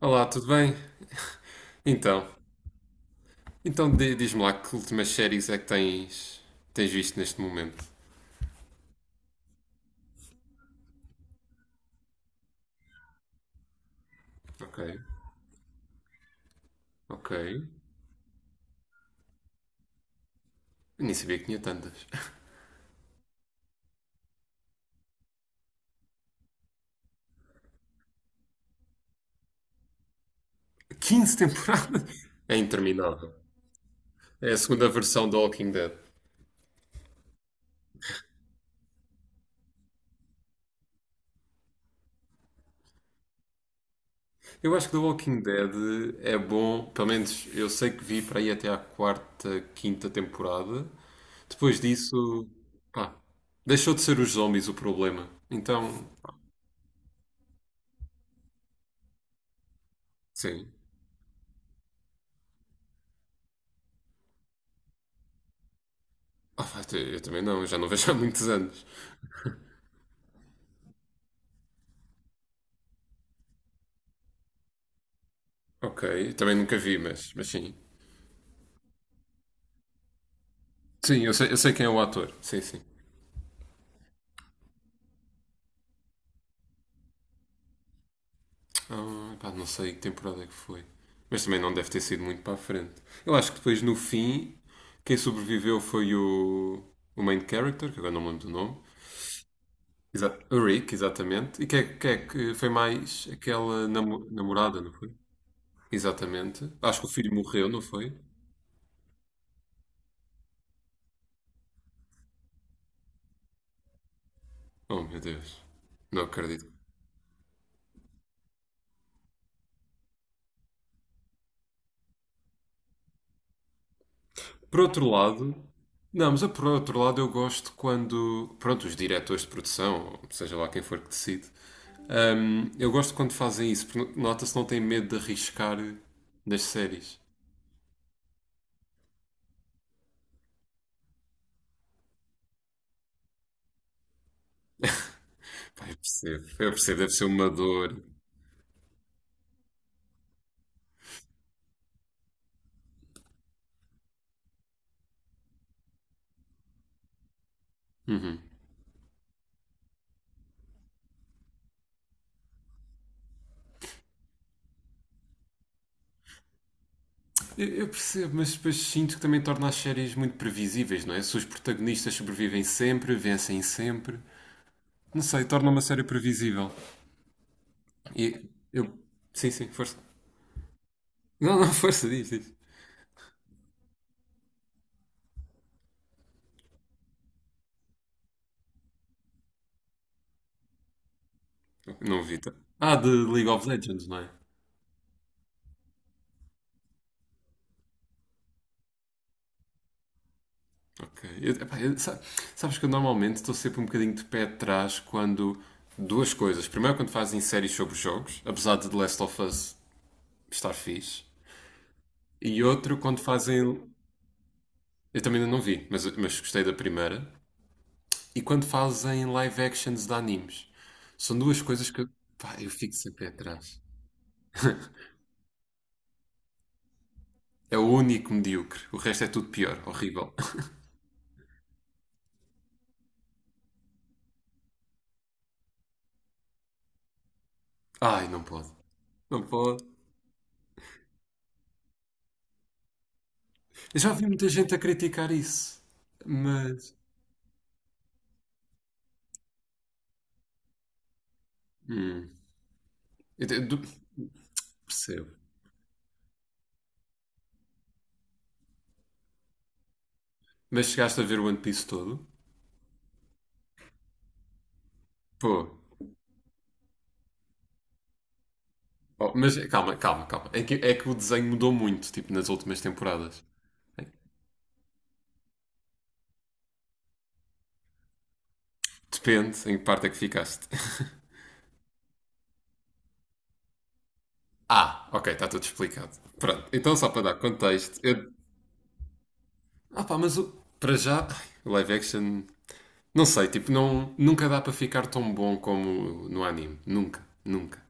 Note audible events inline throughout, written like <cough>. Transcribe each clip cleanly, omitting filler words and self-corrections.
Olá, tudo bem? Então, então, diz-me lá que últimas séries é que tens visto neste momento? Ok, ok. Nem sabia que tinha tantas. <laughs> 15 temporadas? É interminável. É a segunda versão do Walking Dead. Eu acho que The Walking Dead é bom, pelo menos eu sei que vi para aí até à quarta, quinta temporada. Depois disso, pá, deixou de ser os zombies o problema. Então, sim. Ah, pá, eu também não, eu já não vejo há muitos anos. Ok, também nunca vi, mas sim. Sim, eu sei quem é o ator. Sim, sim. Ah, pá, não sei que temporada é que foi. Mas também não deve ter sido muito para a frente. Eu acho que depois, no fim, quem sobreviveu foi o main character, que agora não me lembro do nome. O Rick, exatamente. E quem é que foi mais aquela namorada, não foi? Exatamente. Acho que o filho morreu, não foi? Oh, meu Deus. Não acredito. Por outro lado, não, mas eu, por outro lado eu gosto quando, pronto, os diretores de produção, seja lá quem for que decide, eu gosto quando fazem isso, porque nota-se que não têm medo de arriscar nas séries. Pá, eu percebo, deve ser uma dor. Eu percebo, mas depois sinto que também torna as séries muito previsíveis, não é? Se os protagonistas sobrevivem sempre, vencem sempre, não sei, torna uma série previsível. E eu, sim, sim, força. Não, não, força, diz, diz. Não vi. Ah, de League of Legends, não é? Ok. Sabes que eu normalmente estou sempre um bocadinho de pé atrás quando. Duas coisas. Primeiro, quando fazem séries sobre jogos, apesar de The Last of Us estar fixe. E outro, quando fazem. Eu também ainda não vi, mas gostei da primeira. E quando fazem live actions de animes. São duas coisas que. Pá, eu fico sempre atrás. É o único medíocre. O resto é tudo pior, horrível. <laughs> Ai, não pode. Não pode. Eu já vi muita gente a criticar isso, mas. Hum, eu te- do- Percebo. Mas chegaste a ver o One Piece todo? Pô. Oh, mas calma, calma, calma. É que o desenho mudou muito, tipo, nas últimas temporadas. Depende em que parte é que ficaste. <laughs> Ah, ok, está tudo explicado. Pronto, então só para dar contexto, eu. Ah pá, mas o, para já, ai, o live action, não sei, tipo, não, nunca dá para ficar tão bom como no anime. Nunca, nunca.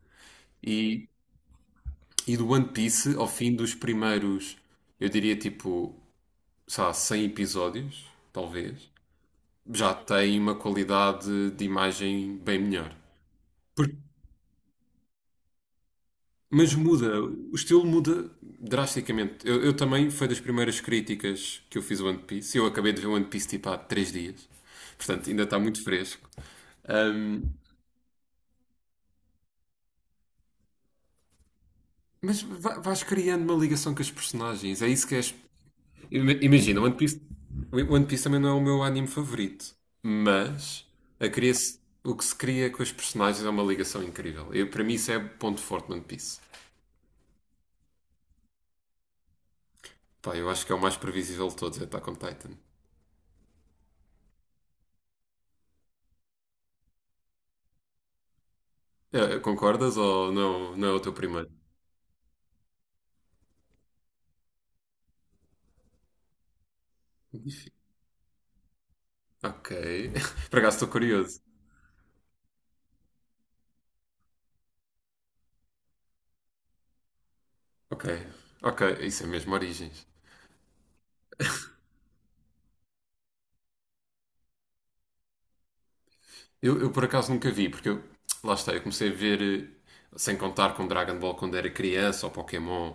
E E do One Piece, ao fim dos primeiros, eu diria tipo, sei lá, 100 episódios, talvez, já tem uma qualidade de imagem bem melhor. Por- Mas muda, o estilo muda drasticamente. Eu também, foi das primeiras críticas que eu fiz ao One Piece. Eu acabei de ver o One Piece tipo há 3 dias, portanto ainda está muito fresco. Ahm, mas vais criando uma ligação com as personagens, é isso que é. Imagina, One Piece, One Piece também não é o meu anime favorito, mas a cria o que se cria com os personagens é uma ligação incrível. Eu, para mim, isso é o ponto forte no One Piece. Pá, eu acho que é o mais previsível de todos, é Attack on Titan. Concordas ou não, não é o teu primeiro? Difí- Ok. <laughs> Por acaso estou curioso. Ok, ok, isso é mesmo Origens. Eu por acaso nunca vi, porque eu, lá está, eu comecei a ver sem contar com Dragon Ball quando era criança ou Pokémon.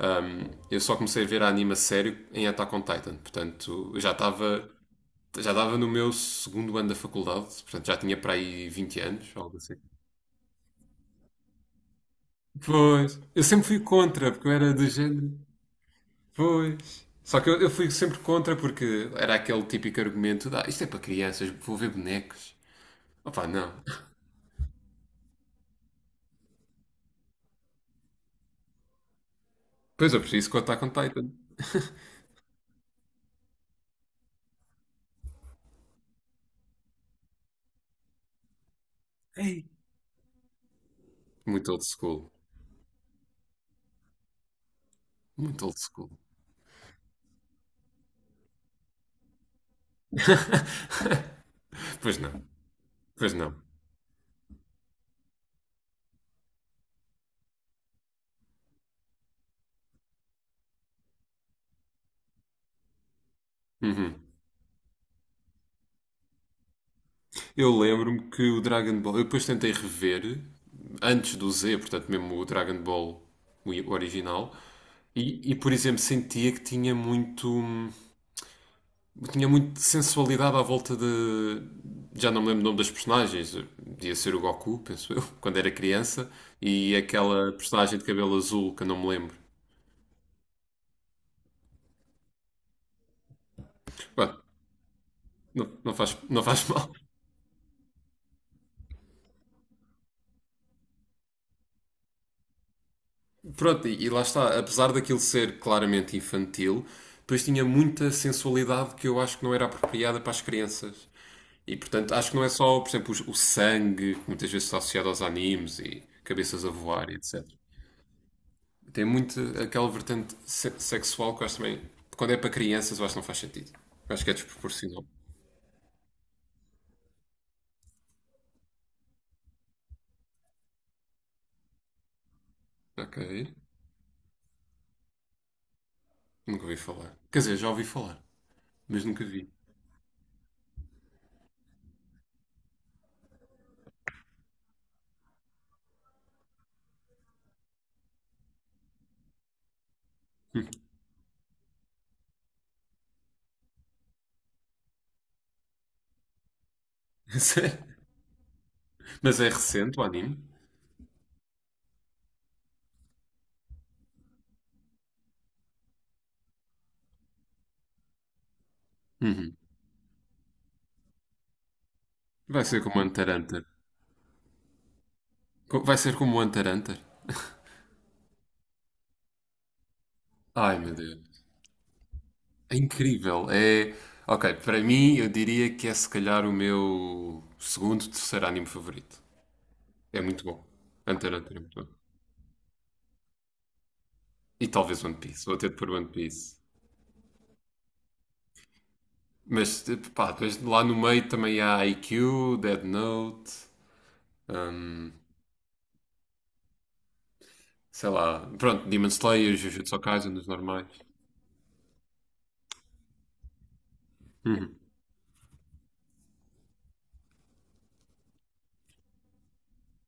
Eu só comecei a ver a anime a sério em Attack on Titan, portanto eu já estava no meu segundo ano da faculdade, portanto já tinha para aí 20 anos, algo assim. Pois, eu sempre fui contra, porque eu era do género. Pois. Só que eu fui sempre contra porque era aquele típico argumento de ah, isto é para crianças, vou ver bonecos. Opá, não. Pois eu preciso contar com o Attack on Titan. Ei. Muito old school. Muito old school. <laughs> Pois não. Pois não. Uhum. Eu lembro-me que o Dragon Ball. Eu depois tentei rever, antes do Z, portanto, mesmo o Dragon Ball o original. E, por exemplo, sentia que Tinha muito. Sensualidade à volta de. Já não me lembro o nome das personagens. Podia ser o Goku, penso eu, <laughs> quando era criança. E aquela personagem de cabelo azul que eu não me lembro. Bom, não, não, não faz <laughs> mal. Pronto, e, lá está, apesar daquilo ser claramente infantil, depois tinha muita sensualidade que eu acho que não era apropriada para as crianças. E portanto, acho que não é só, por exemplo, o sangue, que muitas vezes está associado aos animes e cabeças a voar e etc. Tem muito aquela vertente sexual que eu acho também, quando é para crianças, eu acho que não faz sentido. Eu acho que é desproporcional. Ok, nunca ouvi falar. Quer dizer, já ouvi falar, mas nunca vi. <laughs> Sério? Mas é recente o anime? Uhum. Vai ser como Hunter x Hunter. Vai ser como o Hunter x Hunter? Ai meu Deus. É incrível. É. Ok, para mim eu diria que é se calhar o meu segundo, terceiro anime favorito. É muito bom. Hunter x Hunter é muito bom. E talvez One Piece. Vou ter de pôr One Piece. Mas tipo, pá, depois lá no meio também há IQ, Dead Note, hum, sei lá. Pronto, Demon Slayer, Jujutsu Kaisen, os normais.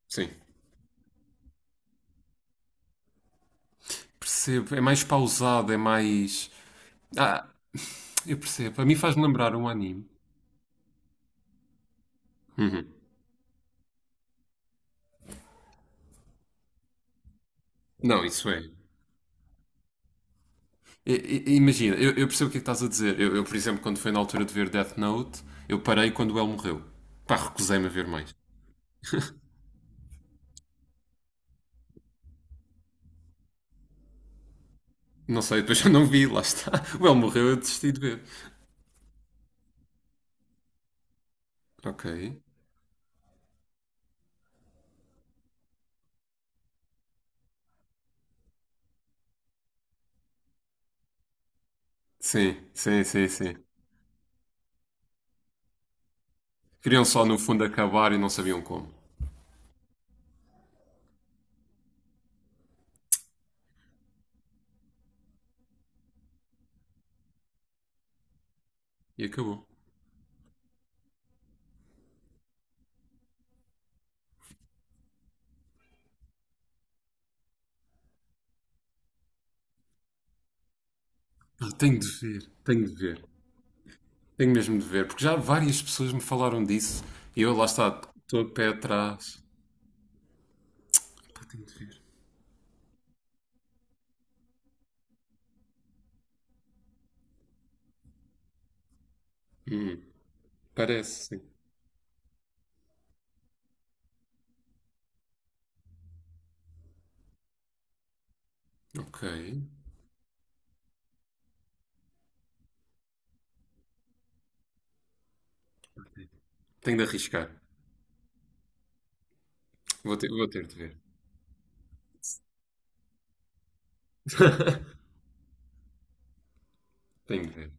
Sim. Percebo. É mais pausado, é mais. Ah, eu percebo. A mim faz-me lembrar um anime. Não, isso é. Imagina, eu percebo o que é que estás a dizer. Eu, por exemplo, quando foi na altura de ver Death Note, eu parei quando o El morreu. Pá, recusei-me a ver mais. Não sei, depois <laughs> eu não vi, lá está. O El morreu, eu desisti de ver. Ok. Sim, sim, sim, sim. Queriam só, no fundo, acabar e não sabiam como. E acabou. Ah, tenho de ver, tenho de ver. Tenho mesmo de ver, porque já várias pessoas me falaram disso e eu, lá está, estou a pé atrás. Pá, tenho de ver. Parece, sim. Ok. Tenho de arriscar. Vou ter de ver. Tenho de ver.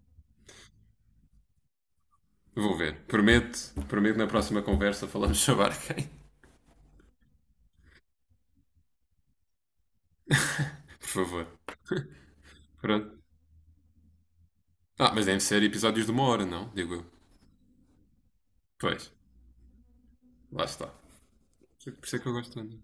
Vou ver. Prometo, prometo na próxima conversa falamos sobre Arkane. <laughs> Por favor. Pronto. Ah, mas devem ser episódios de 1 hora, não? Digo eu. Pois, lá está. Por isso é que eu gosto tanto.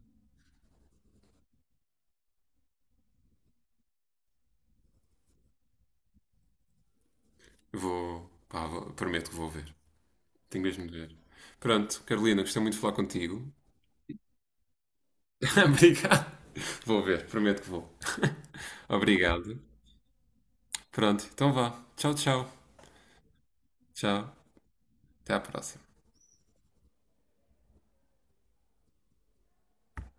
Vou. Pá, prometo que vou ver. Tenho mesmo de ver. Pronto, Carolina, gostei muito de falar contigo. <laughs> Obrigado. Vou ver, prometo que vou. <laughs> Obrigado. Pronto, então vá. Tchau, tchau. Tchau. Até à próxima.